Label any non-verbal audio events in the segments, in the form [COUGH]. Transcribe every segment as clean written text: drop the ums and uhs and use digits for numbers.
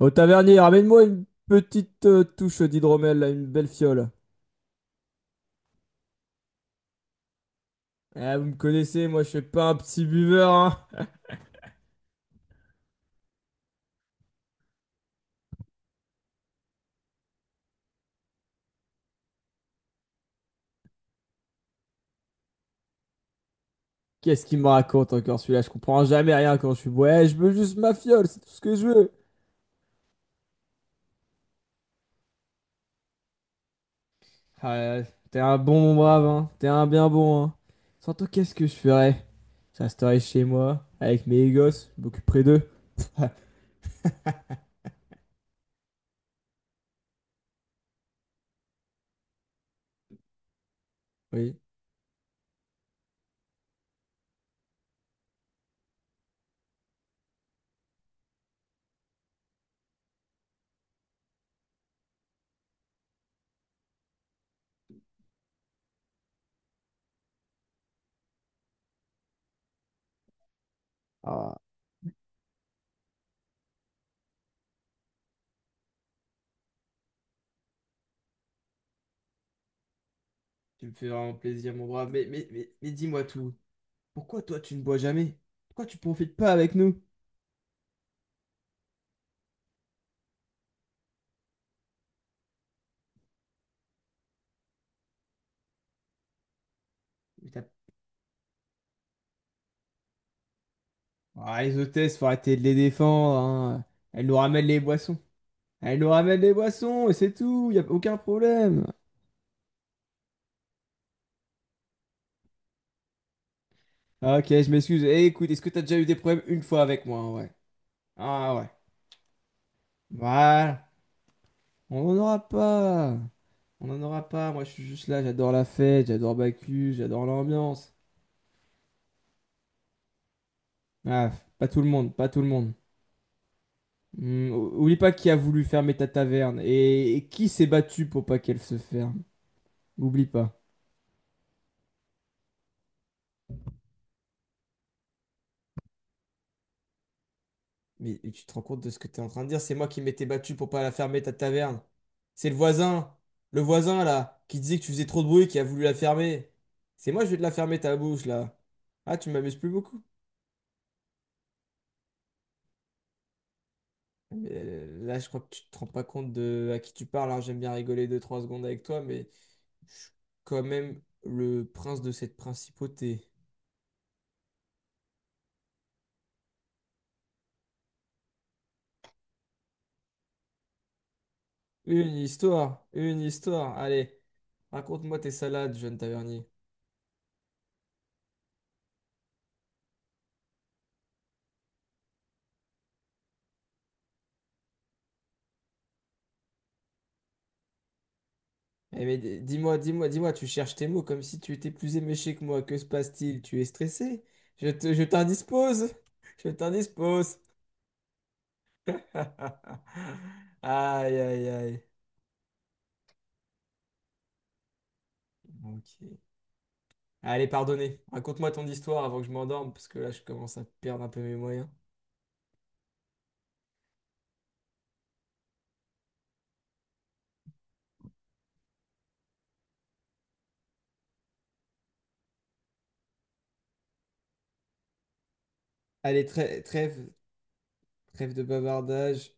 Au tavernier, ramène-moi une petite touche d'hydromel, là, une belle fiole. Ah, vous me connaissez, moi je suis pas un petit buveur, hein. Qu'est-ce qu'il me raconte encore celui-là? Je comprends jamais rien quand je suis bourré. Eh, je veux juste ma fiole, c'est tout ce que je veux. Ah, euh, T'es un bon mon brave, hein. T'es un bien bon, hein. Surtout, qu'est-ce que je ferais? Je resterais chez moi, avec mes gosses, je m'occuperais d'eux. [LAUGHS] Oui. Tu me fais vraiment plaisir, mon brave. Mais dis-moi tout. Pourquoi toi tu ne bois jamais? Pourquoi tu profites pas avec nous? Mais t'as. Ah, les hôtesses, faut arrêter de les défendre, hein. Elles nous ramènent les boissons. Elles nous ramènent les boissons et c'est tout. Y a aucun problème. Ah, Ok, je m'excuse. Eh, écoute, est-ce que t'as déjà eu des problèmes une fois avec moi? Hein, ouais. Ah ouais. Voilà. On n'en aura pas. On n'en aura pas. Moi, je suis juste là. J'adore la fête. J'adore Bacchus. J'adore l'ambiance. Ah, pas tout le monde. Pas tout le monde. Hmm, oublie pas qui a voulu fermer ta taverne et, qui s'est battu pour pas qu'elle se ferme. Oublie pas. Mais tu te rends compte de ce que tu es en train de dire? C'est moi qui m'étais battu pour pas la fermer, ta taverne. C'est le voisin là, qui disait que tu faisais trop de bruit, qui a voulu la fermer. C'est moi, je vais te la fermer, ta bouche là. Ah, tu m'amuses plus beaucoup. Mais là, je crois que tu te rends pas compte de à qui tu parles, hein. J'aime bien rigoler deux trois secondes avec toi, mais je suis quand même le prince de cette principauté. Une histoire, une histoire. Allez, raconte-moi tes salades, jeune tavernier. Dis-moi, tu cherches tes mots comme si tu étais plus éméché que moi. Que se passe-t-il? Tu es stressé? Je t'indispose. [LAUGHS] Je t'indispose. [LAUGHS] Aïe, aïe, aïe. Ok. Allez, pardonnez. Raconte-moi ton histoire avant que je m'endorme, parce que là, je commence à perdre un peu mes moyens. Trêve, trêve de bavardage.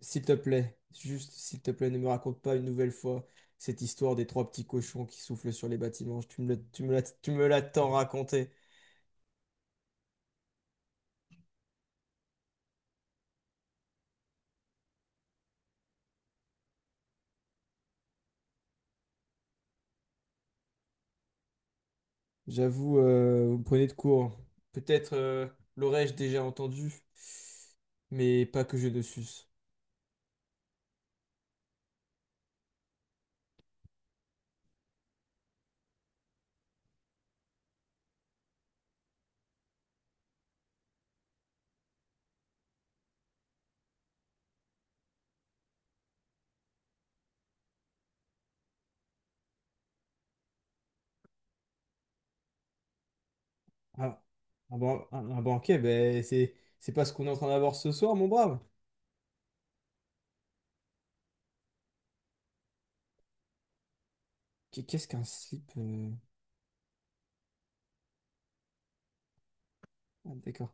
S'il te plaît, juste s'il te plaît, ne me raconte pas une nouvelle fois cette histoire des trois petits cochons qui soufflent sur les bâtiments. Tu me l'as tant raconté. J'avoue, vous me prenez de court. Peut-être l'aurais-je déjà entendu, mais pas que je ne suce. Ah, un banquet, ben, c'est pas ce qu'on est en train d'avoir ce soir, mon brave. Qu'est-ce qu'un slip ah, d'accord.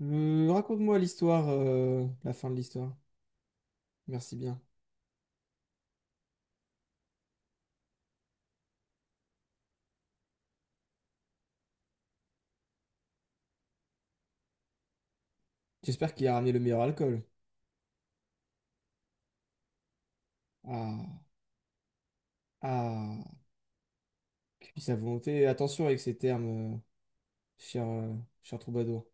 Raconte-moi l'histoire, la fin de l'histoire. Merci bien. J'espère qu'il a ramené le meilleur alcool. Ah, ah, qu'il puisse à volonté. Attention avec ces termes, cher, cher troubadour.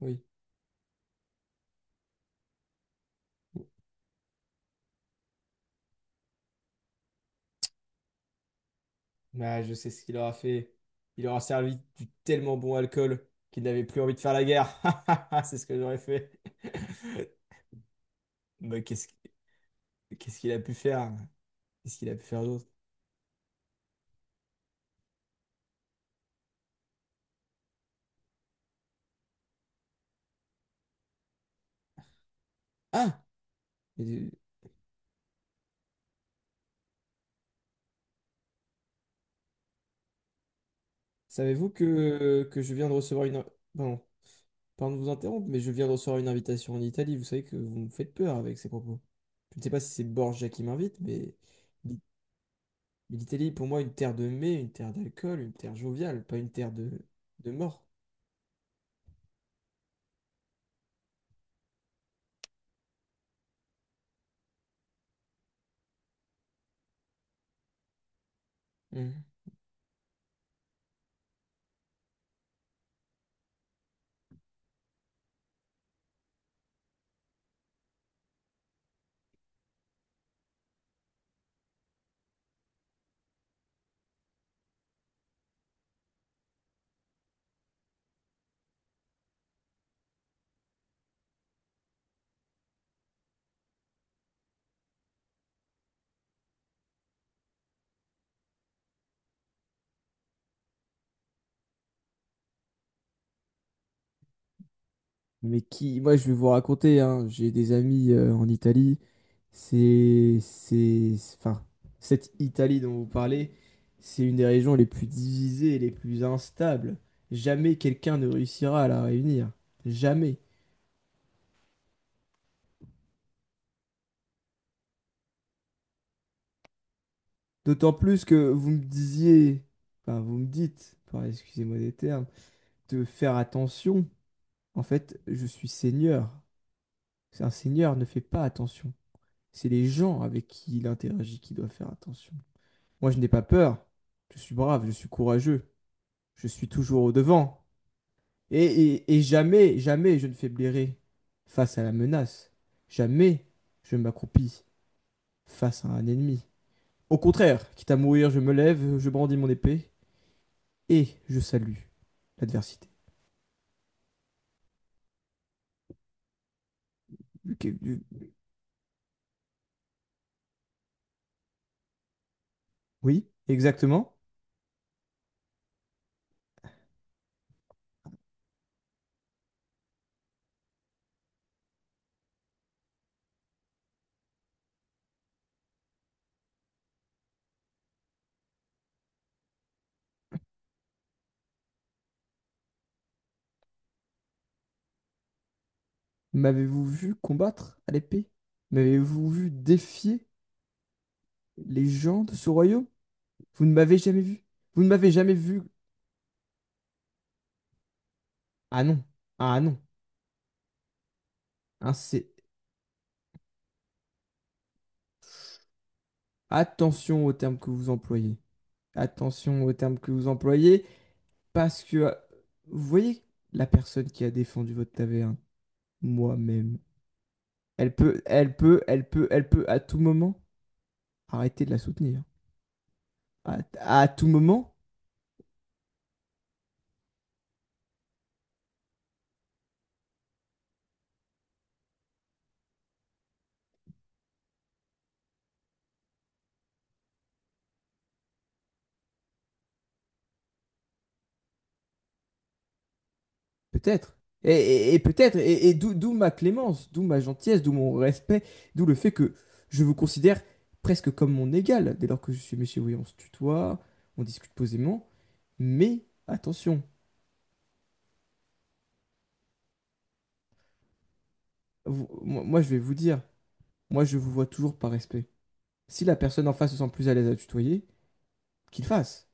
Oui. Mais je sais ce qu'il aura fait. Il aura servi du tellement bon alcool qu'il n'avait plus envie de faire la guerre. [LAUGHS] C'est ce que j'aurais fait. [LAUGHS] Bah, qu'est-ce qu'il a pu faire? Qu'est-ce qu'il a pu faire d'autre? Ah! Et, savez-vous que, je viens de recevoir une... Pardon, pardon de vous interrompre, mais je viens de recevoir une invitation en Italie. Vous savez que vous me faites peur avec ces propos. Je ne sais pas si c'est Borgia qui m'invite, mais l'I- mais l'Italie est pour moi une terre de mai, une terre d'alcool, une terre joviale, pas une terre de mort. Mais qui, moi, je vais vous raconter, hein, j'ai des amis en Italie. Enfin, cette Italie dont vous parlez, c'est une des régions les plus divisées et les plus instables. Jamais quelqu'un ne réussira à la réunir. Jamais. D'autant plus que vous me disiez, enfin, vous me dites, excusez-moi des termes, de faire attention. En fait, je suis seigneur. Un seigneur ne fait pas attention. C'est les gens avec qui il interagit qui doivent faire attention. Moi, je n'ai pas peur. Je suis brave, je suis courageux. Je suis toujours au devant. Et jamais, jamais je ne faiblirai face à la menace. Jamais je m'accroupis face à un ennemi. Au contraire, quitte à mourir, je me lève, je brandis mon épée et je salue l'adversité. Oui, exactement. M'avez-vous vu combattre à l'épée? M'avez-vous vu défier les gens de ce royaume? Vous ne m'avez jamais vu. Vous ne m'avez jamais vu. Ah non, ah non, hein, c'est attention aux termes que vous employez. Attention aux termes que vous employez parce que vous voyez la personne qui a défendu votre taverne, moi-même, elle peut à tout moment arrêter de la soutenir. À, à tout moment, peut-être. Et peut-être, et d'où ma clémence, d'où ma gentillesse, d'où mon respect, d'où le fait que je vous considère presque comme mon égal, dès lors que je suis monsieur oui, on se tutoie, on discute posément, mais attention. Moi, je vais vous dire, moi, je vous vois toujours par respect. Si la personne en face se sent plus à l'aise à tutoyer, qu'il fasse.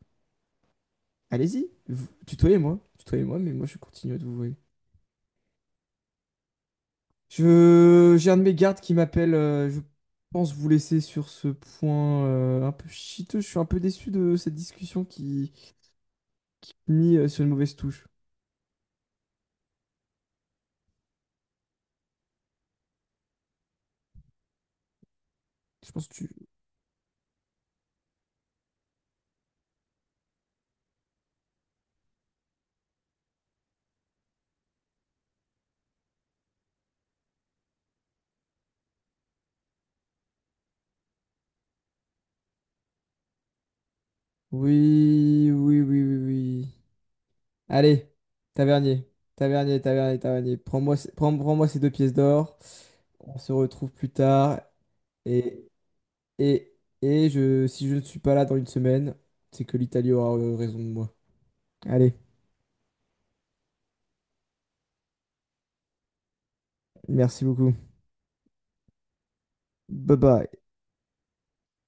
Tutoyez-moi, mais moi, je continue de vous vouer. Je... J'ai un de mes gardes qui m'appelle, je pense vous laisser sur ce point un peu chiteux. Je suis un peu déçu de cette discussion qui finit sur une mauvaise touche. Je pense que tu... Oui, oui, oui, oui, oui. Allez, tavernier, tavernier. Prends-moi ces deux pièces d'or. On se retrouve plus tard. Et, et, et je, si je ne suis pas là dans une semaine, c'est que l'Italie aura raison de moi. Allez, merci beaucoup. Bye bye.